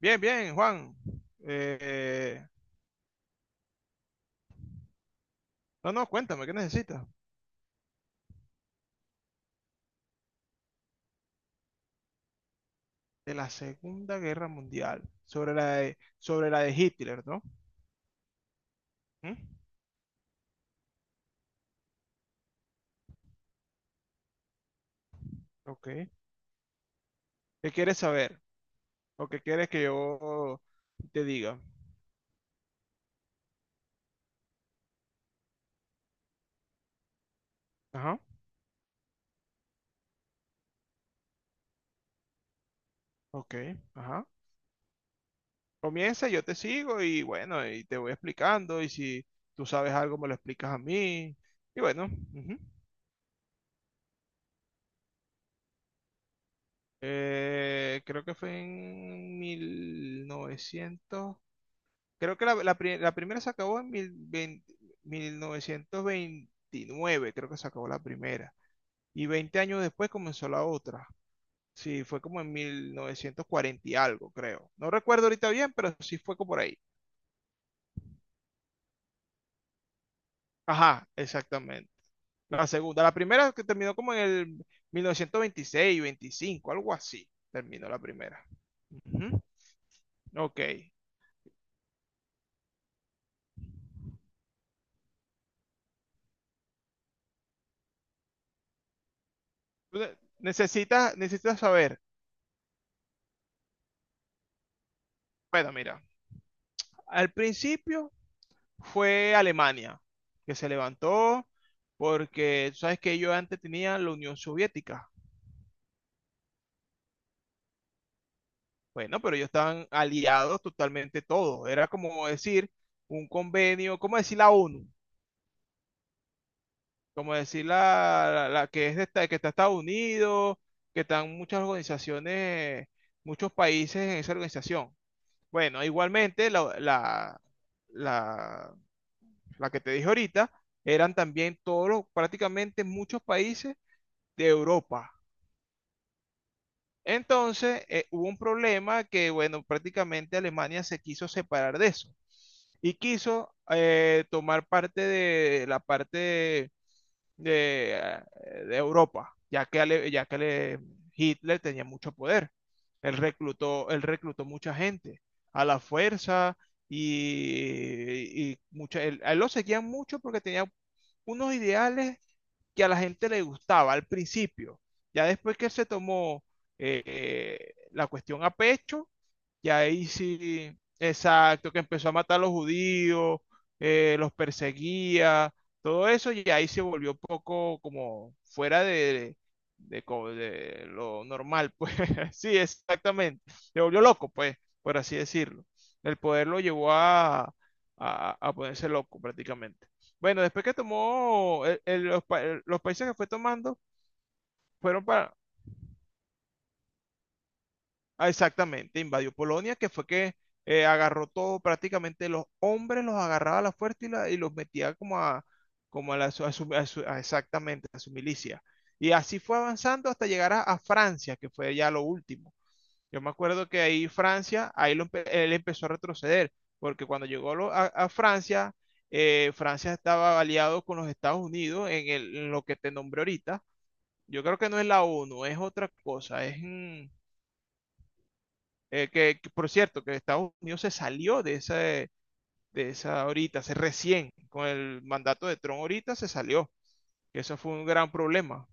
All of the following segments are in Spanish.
Bien, bien, Juan. Eh, no, no, cuéntame, ¿qué necesitas? De la Segunda Guerra Mundial, sobre la de Hitler, ¿no? ¿Mm? Ok. ¿Qué quieres saber? ¿O qué quieres que yo te diga? Ajá, ok, ajá. Comienza, yo te sigo y bueno, y te voy explicando. Y si tú sabes algo, me lo explicas a mí. Y bueno, ujú. Creo que fue en mil novecientos. Creo que la primera se acabó en 1929, creo que se acabó la primera. Y 20 años después comenzó la otra. Sí, fue como en 1940 y algo, creo. No recuerdo ahorita bien, pero sí fue como por ahí. Ajá, exactamente. La segunda, la primera que terminó como en el 1926, 25, algo así. Terminó la primera. Ujú, ok. Necesitas saber. Bueno, mira, al principio fue Alemania, que se levantó porque, tú sabes que ellos antes tenían la Unión Soviética. Bueno, pero ellos estaban aliados totalmente todos. Era como decir un convenio, como decir la ONU, como decir la que es que está Estados Unidos, que están muchas organizaciones, muchos países en esa organización. Bueno, igualmente la, la que te dije ahorita, eran también todos, prácticamente muchos países de Europa. Entonces, hubo un problema que, bueno, prácticamente Alemania se quiso separar de eso y quiso tomar parte de la parte de, de Europa, Hitler tenía mucho poder. Él reclutó mucha gente a la fuerza a él lo seguían mucho porque tenía unos ideales que a la gente le gustaba al principio. Ya después que se tomó la cuestión a pecho, ya ahí sí, exacto, que empezó a matar a los judíos, los perseguía, todo eso, y ahí se volvió un poco como fuera de lo normal, pues sí, exactamente, se volvió loco, pues, por así decirlo. El poder lo llevó a ponerse loco prácticamente. Bueno, después que tomó los países que fue tomando, fueron para, exactamente, invadió Polonia, que fue que agarró todo, prácticamente los hombres los agarraba a la fuerza y los metía como a, como a, la, su- a su- a su- a exactamente, a su milicia. Y así fue avanzando hasta llegar a Francia, que fue ya lo último. Yo me acuerdo que ahí Francia, él empezó a retroceder, porque cuando llegó a Francia, Francia estaba aliado con los Estados Unidos en lo que te nombré ahorita. Yo creo que no es la ONU, es otra cosa. Es que, por cierto, que Estados Unidos se salió de esa ahorita, se recién, con el mandato de Trump ahorita se salió. Eso fue un gran problema.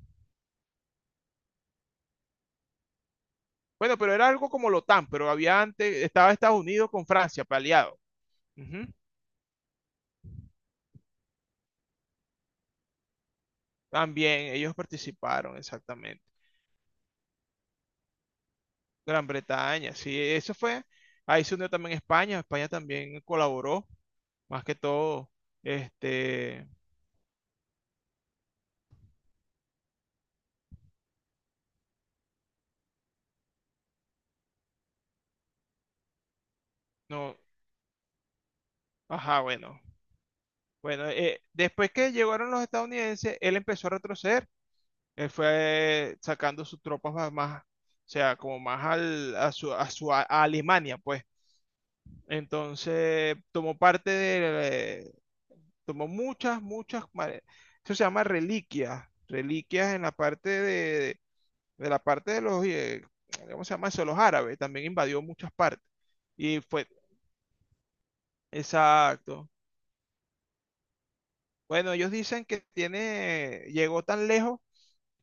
Bueno, pero era algo como la OTAN, pero había antes, estaba Estados Unidos con Francia, aliado. Ujú. También ellos participaron, exactamente. Gran Bretaña, sí, eso fue. Ahí se unió también España. España también colaboró, más que todo, este, no, ajá, bueno. Bueno, después que llegaron los estadounidenses, él empezó a retroceder. Él fue sacando sus tropas más, más, o sea, como más al, a su, a su- a Alemania, pues. Entonces, tomó muchas, muchas, eso se llama reliquias, reliquias en la parte de la parte de los, ¿cómo se llama eso? Los árabes, también invadió muchas partes. Y fue, exacto. Bueno, ellos dicen que llegó tan lejos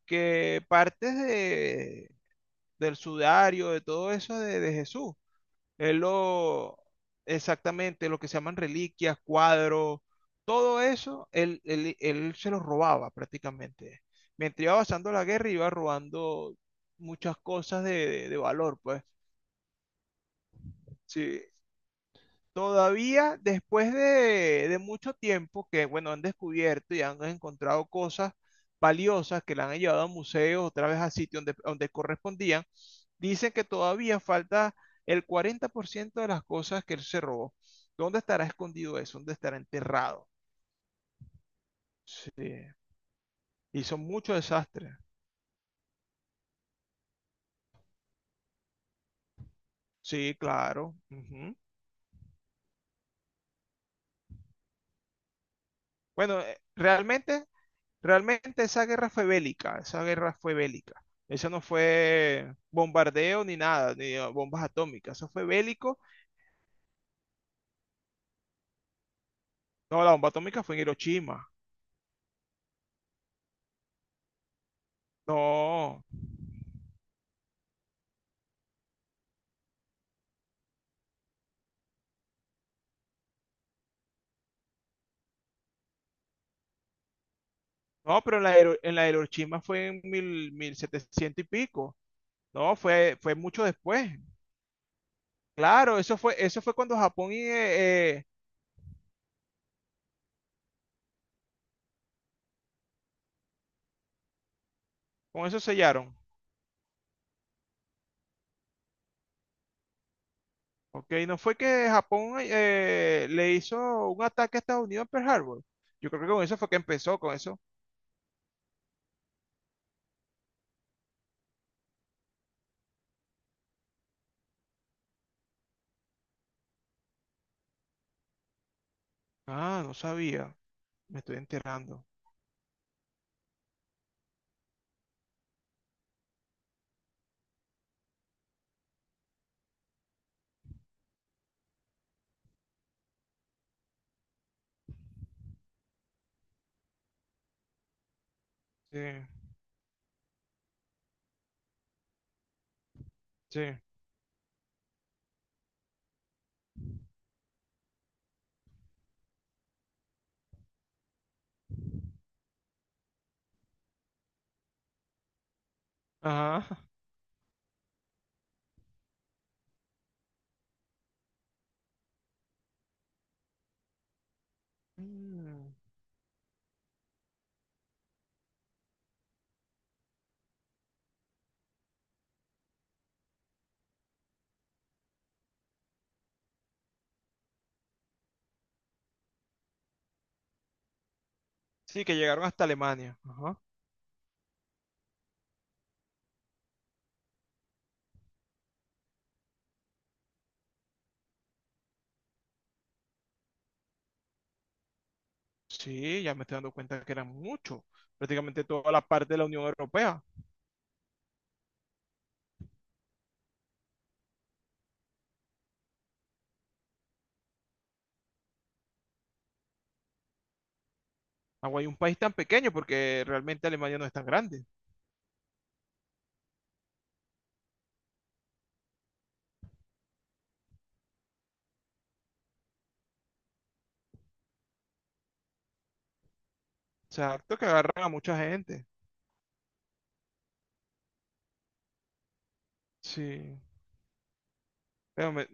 que del sudario, de todo eso de Jesús. Él lo, Exactamente, lo que se llaman reliquias, cuadros, todo eso, él se los robaba prácticamente. Mientras iba avanzando la guerra, iba robando muchas cosas de valor, pues. Sí, todavía después de mucho tiempo que, bueno, han descubierto y han encontrado cosas valiosas que la han llevado a museos, otra vez a sitios donde correspondían, dicen que todavía falta el 40% de las cosas que él se robó. ¿Dónde estará escondido eso? ¿Dónde estará enterrado? Sí. Hizo mucho desastre. Sí, claro, ujú. Bueno, realmente esa guerra fue bélica, esa guerra fue bélica. Eso no fue bombardeo ni nada, ni bombas atómicas, eso fue bélico. No, la bomba atómica fue en Hiroshima. No, no, pero en la Hiroshima fue en mil setecientos y pico. No, fue mucho después. Claro, eso fue cuando Japón con eso sellaron. Ok, no fue que Japón le hizo un ataque a Estados Unidos en Pearl Harbor. Yo creo que con eso fue que empezó, con eso. Ah, no sabía. Me estoy enterando. Sí, sí. Ajá. Mm. Sí, que llegaron hasta Alemania. Ajá. Sí, ya me estoy dando cuenta que eran muchos. Prácticamente toda la parte de la Unión Europea. Agua hay un país tan pequeño porque realmente Alemania no es tan grande. Exacto, que agarran a mucha gente. Sí, pero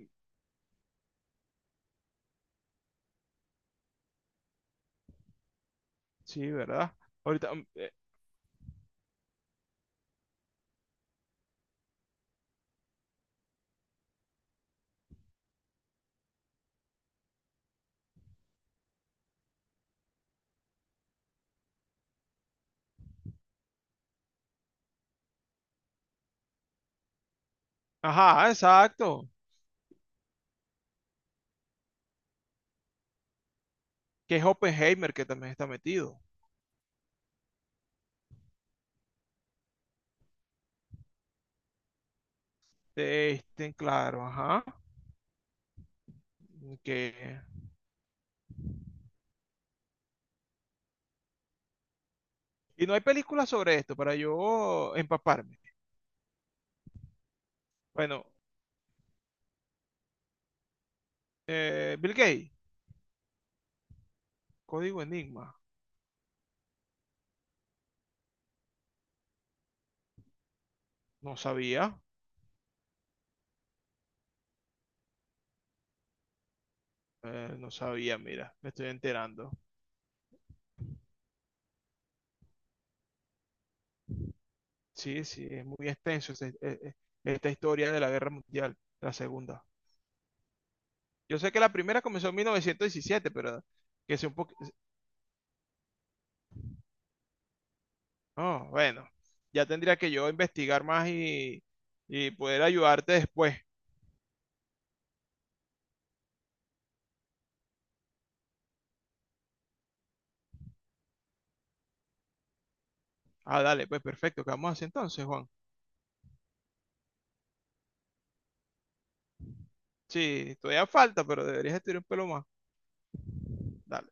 sí, ¿verdad? Ahorita, ajá, exacto. Que es Oppenheimer que también está metido. Este, claro, ajá. Que... Y no hay películas sobre esto para yo empaparme. Bueno, Bill Gates, Código Enigma. No sabía, no sabía, mira, me estoy enterando. Sí, sí, es muy extenso esta historia de la Guerra Mundial, la segunda. Yo sé que la primera comenzó en 1917, pero que sea un poco... Oh, bueno, ya tendría que yo investigar más y poder ayudarte después. Ah, dale, pues perfecto, ¿qué vamos a hacer entonces, Juan? Sí, todavía falta, pero deberías estudiar un pelo más. Dale.